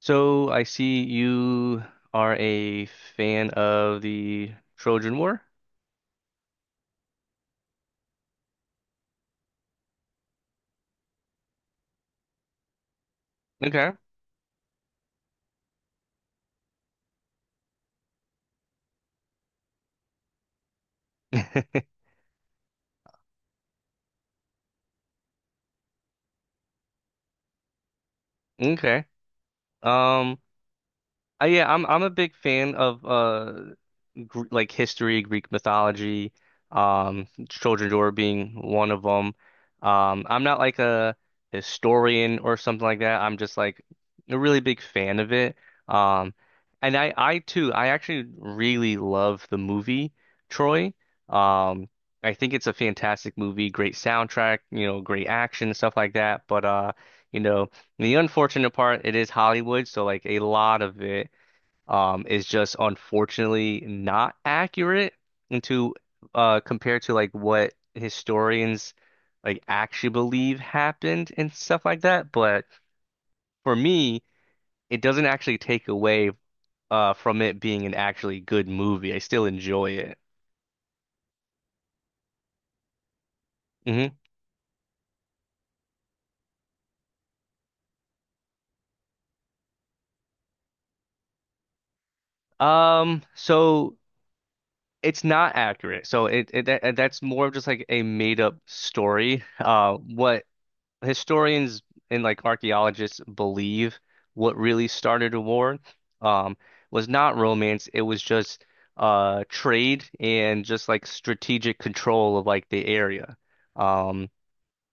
So I see you are a fan of the Trojan War. Okay. Okay. Um, yeah, I'm a big fan of like history, Greek mythology, Trojan War being one of them. I'm not like a historian or something like that. I'm just like a really big fan of it. Um, and I too, I actually really love the movie Troy. Um, I think it's a fantastic movie, great soundtrack, great action, stuff like that. But you know, the unfortunate part, it is Hollywood, so like a lot of it is just unfortunately not accurate into compared to like what historians like actually believe happened and stuff like that. But for me, it doesn't actually take away from it being an actually good movie. I still enjoy it. Hmm. So it's not accurate. That's more of just like a made up story. What historians and like archaeologists believe what really started a war um, was not romance. It was just trade and just like strategic control of like the area. Um,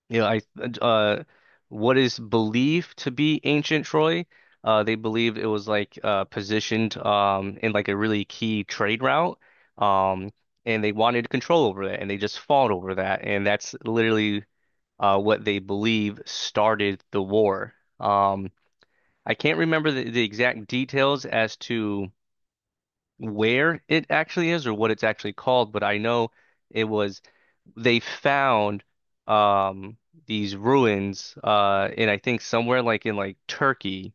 you know, I uh, what is believed to be ancient Troy, they believed it was like positioned in like a really key trade route. Um, And they wanted control over that, and they just fought over that, and that's literally what they believe started the war. Um, I can't remember the exact details as to where it actually is or what it's actually called, but I know it was they found um these ruins in I think somewhere like in like Turkey.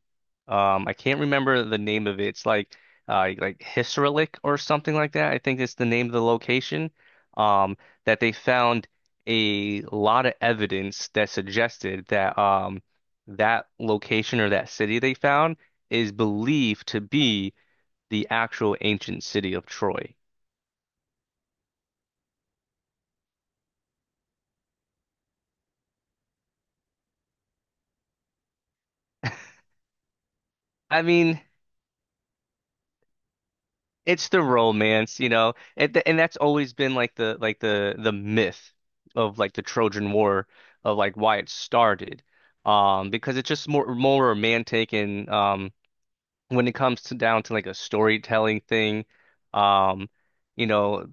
I can't remember the name of it. It's like Hisarlik or something like that. I think it's the name of the location. Um that they found a lot of evidence that suggested that that location or that city they found is believed to be the actual ancient city of Troy. I mean, it's the romance, you know, and that's always been like the like the myth of like the Trojan War of like why it started, because it's just more romantic. And When it comes to down to like a storytelling thing, um, you know,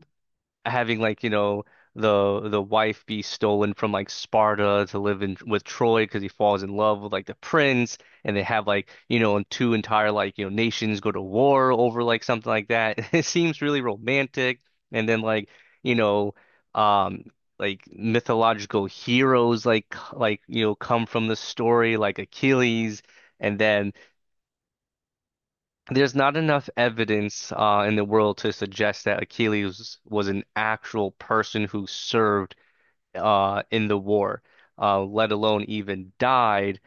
having like, the wife be stolen from like Sparta to live in with Troy because he falls in love with like the prince and they have like, you know, and two entire like, nations go to war over like something like that. It seems really romantic. And then like, you know, um like mythological heroes like like come from the story like Achilles. And then There's not enough evidence in the world to suggest that Achilles was an actual person who served in the war, let alone even died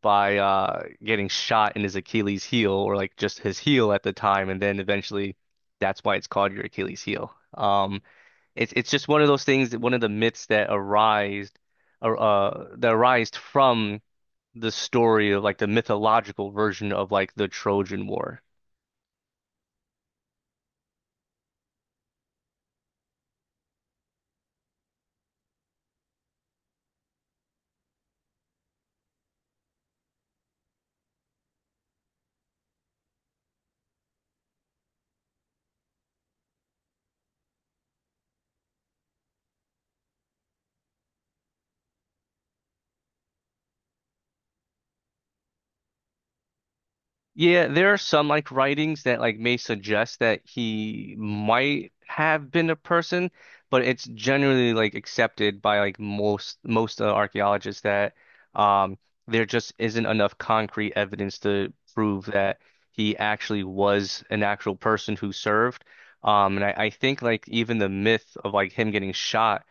by getting shot in his Achilles heel or like just his heel at the time, and then eventually that's why it's called your Achilles heel. It's just one of those things, one of the myths that arise, that arised from the story of like the mythological version of like the Trojan War. Yeah, there are some like writings that like may suggest that he might have been a person, but it's generally like accepted by like most archaeologists that um there just isn't enough concrete evidence to prove that he actually was an actual person who served. I think like even the myth of like him getting shot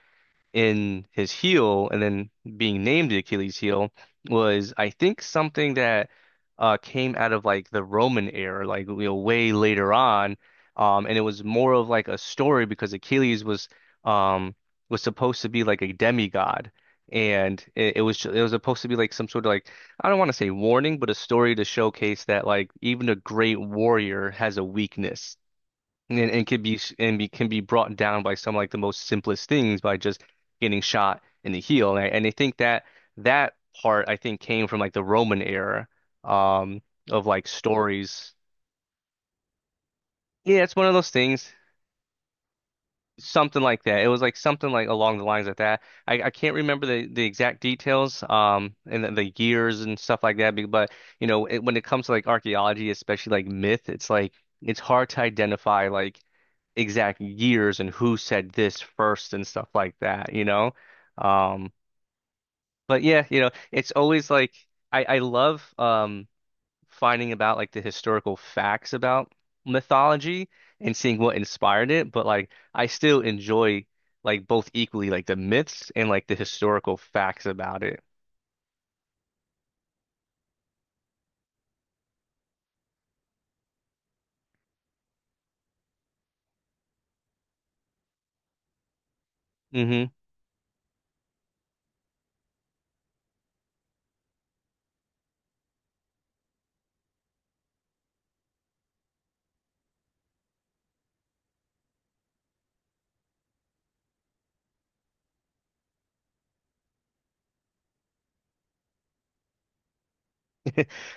in his heel and then being named the Achilles heel was, I think, something that came out of like the Roman era, like way later on. And it was more of like a story because Achilles um, was supposed to be like a demigod. And it, it was supposed to be like some sort of like, I don't want to say warning, but a story to showcase that like even a great warrior has a weakness and can be brought down by some like the most simplest things by just getting shot in the heel. And I think that that part I think came from like the Roman era um, of like stories. Yeah, it's one of those things, something like that. It was like something like along the lines of that. I can't remember the exact details, the years and stuff like that. But you know, when it comes to like archaeology, especially like myth, it's like it's hard to identify like exact years and who said this first and stuff like that. Um, but yeah, it's always like I love finding about like the historical facts about mythology and seeing what inspired it, but like I still enjoy like both equally like the myths and like the historical facts about it. Hmm.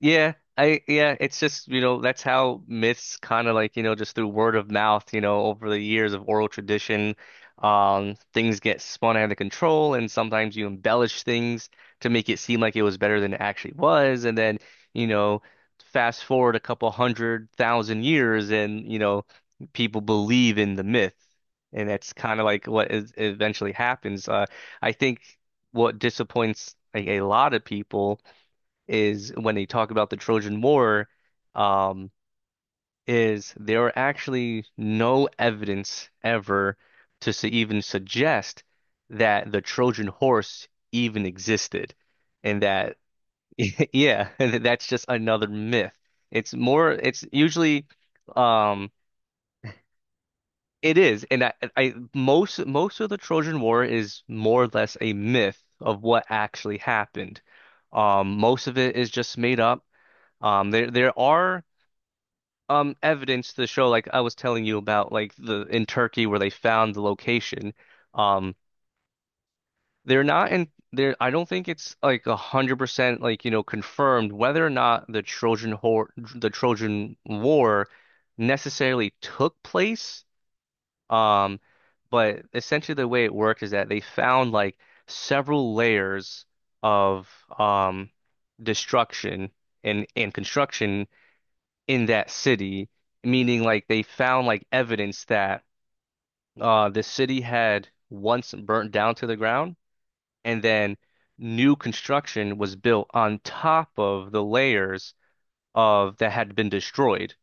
Yeah, it's just, that's how myths kind of like, just through word of mouth, over the years of oral tradition, things get spun out of control and sometimes you embellish things to make it seem like it was better than it actually was. And then, you know, fast forward a couple 100,000 years and, people believe in the myth. And that's kind of like what is eventually happens. I think what disappoints like a lot of people is when they talk about the Trojan War, um, is there are actually no evidence ever to s even suggest that the Trojan horse even existed, and that yeah, that's just another myth. It's more. It's usually, um, it is, I most of the Trojan War is more or less a myth of what actually happened. Most of it is just made up. There are evidence to show like I was telling you about like the in Turkey where they found the location. Um they're not in there. I don't think it's like 100% like confirmed whether or not the Trojan War necessarily took place. Um but essentially the way it worked is that they found like several layers of um destruction and construction in that city, meaning like they found like evidence that the city had once burnt down to the ground and then new construction was built on top of the layers of that had been destroyed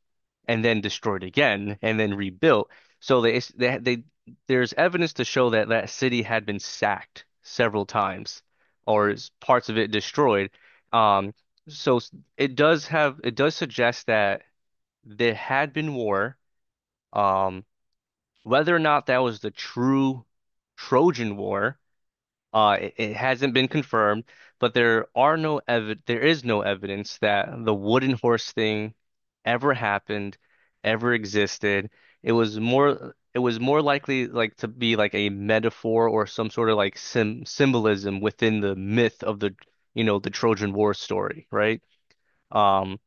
and then destroyed again and then rebuilt. So they there's evidence to show that that city had been sacked several times or is parts of it destroyed. Um, so it does have it does suggest that there had been war. Um, Whether or not that was the true Trojan War, it hasn't been confirmed, but there is no evidence that the wooden horse thing ever happened, ever existed. It was more likely like to be like a metaphor or some sort of like sim symbolism within the myth of the the Trojan War story, right? Um,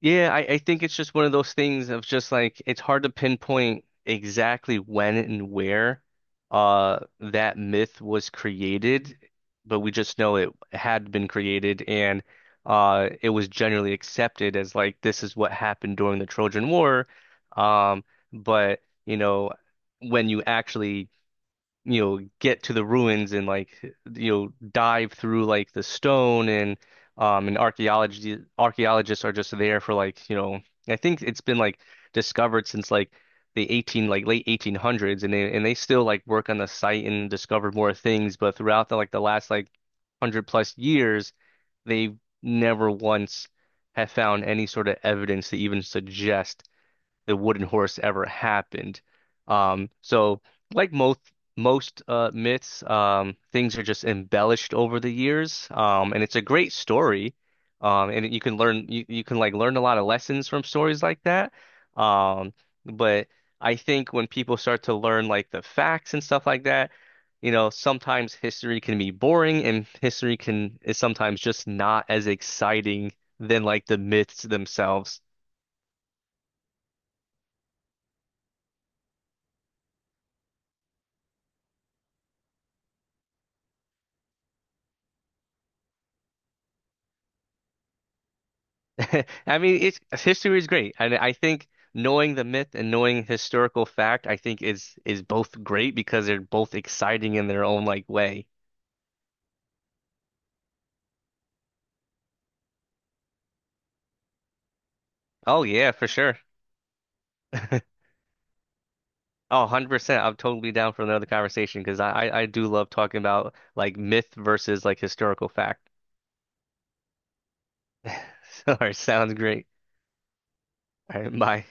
Yeah, I think it's just one of those things of just like it's hard to pinpoint exactly when and where that myth was created, but we just know it had been created and it was generally accepted as like this is what happened during the Trojan War. Um, but you know, when you actually get to the ruins and like dive through like the stone and archaeology archaeologists are just there for like I think it's been like discovered since like the 18 like late 1800s and they still like work on the site and discover more things, but throughout the like the last like 100 plus years they've never once have found any sort of evidence to even suggest the wooden horse ever happened. So like most myths, things are just embellished over the years, and it's a great story. And you can learn you, you can like learn a lot of lessons from stories like that. Um, but I think when people start to learn like the facts and stuff like that, sometimes history can be boring and history can is sometimes just not as exciting than like the myths themselves. I mean, it's history is great, and I think knowing the myth and knowing historical fact, I think is both great because they're both exciting in their own like way. Oh yeah, for sure. Oh, 100%. I'm totally down for another conversation because I do love talking about like myth versus like historical fact. All right, sounds great. All right, bye.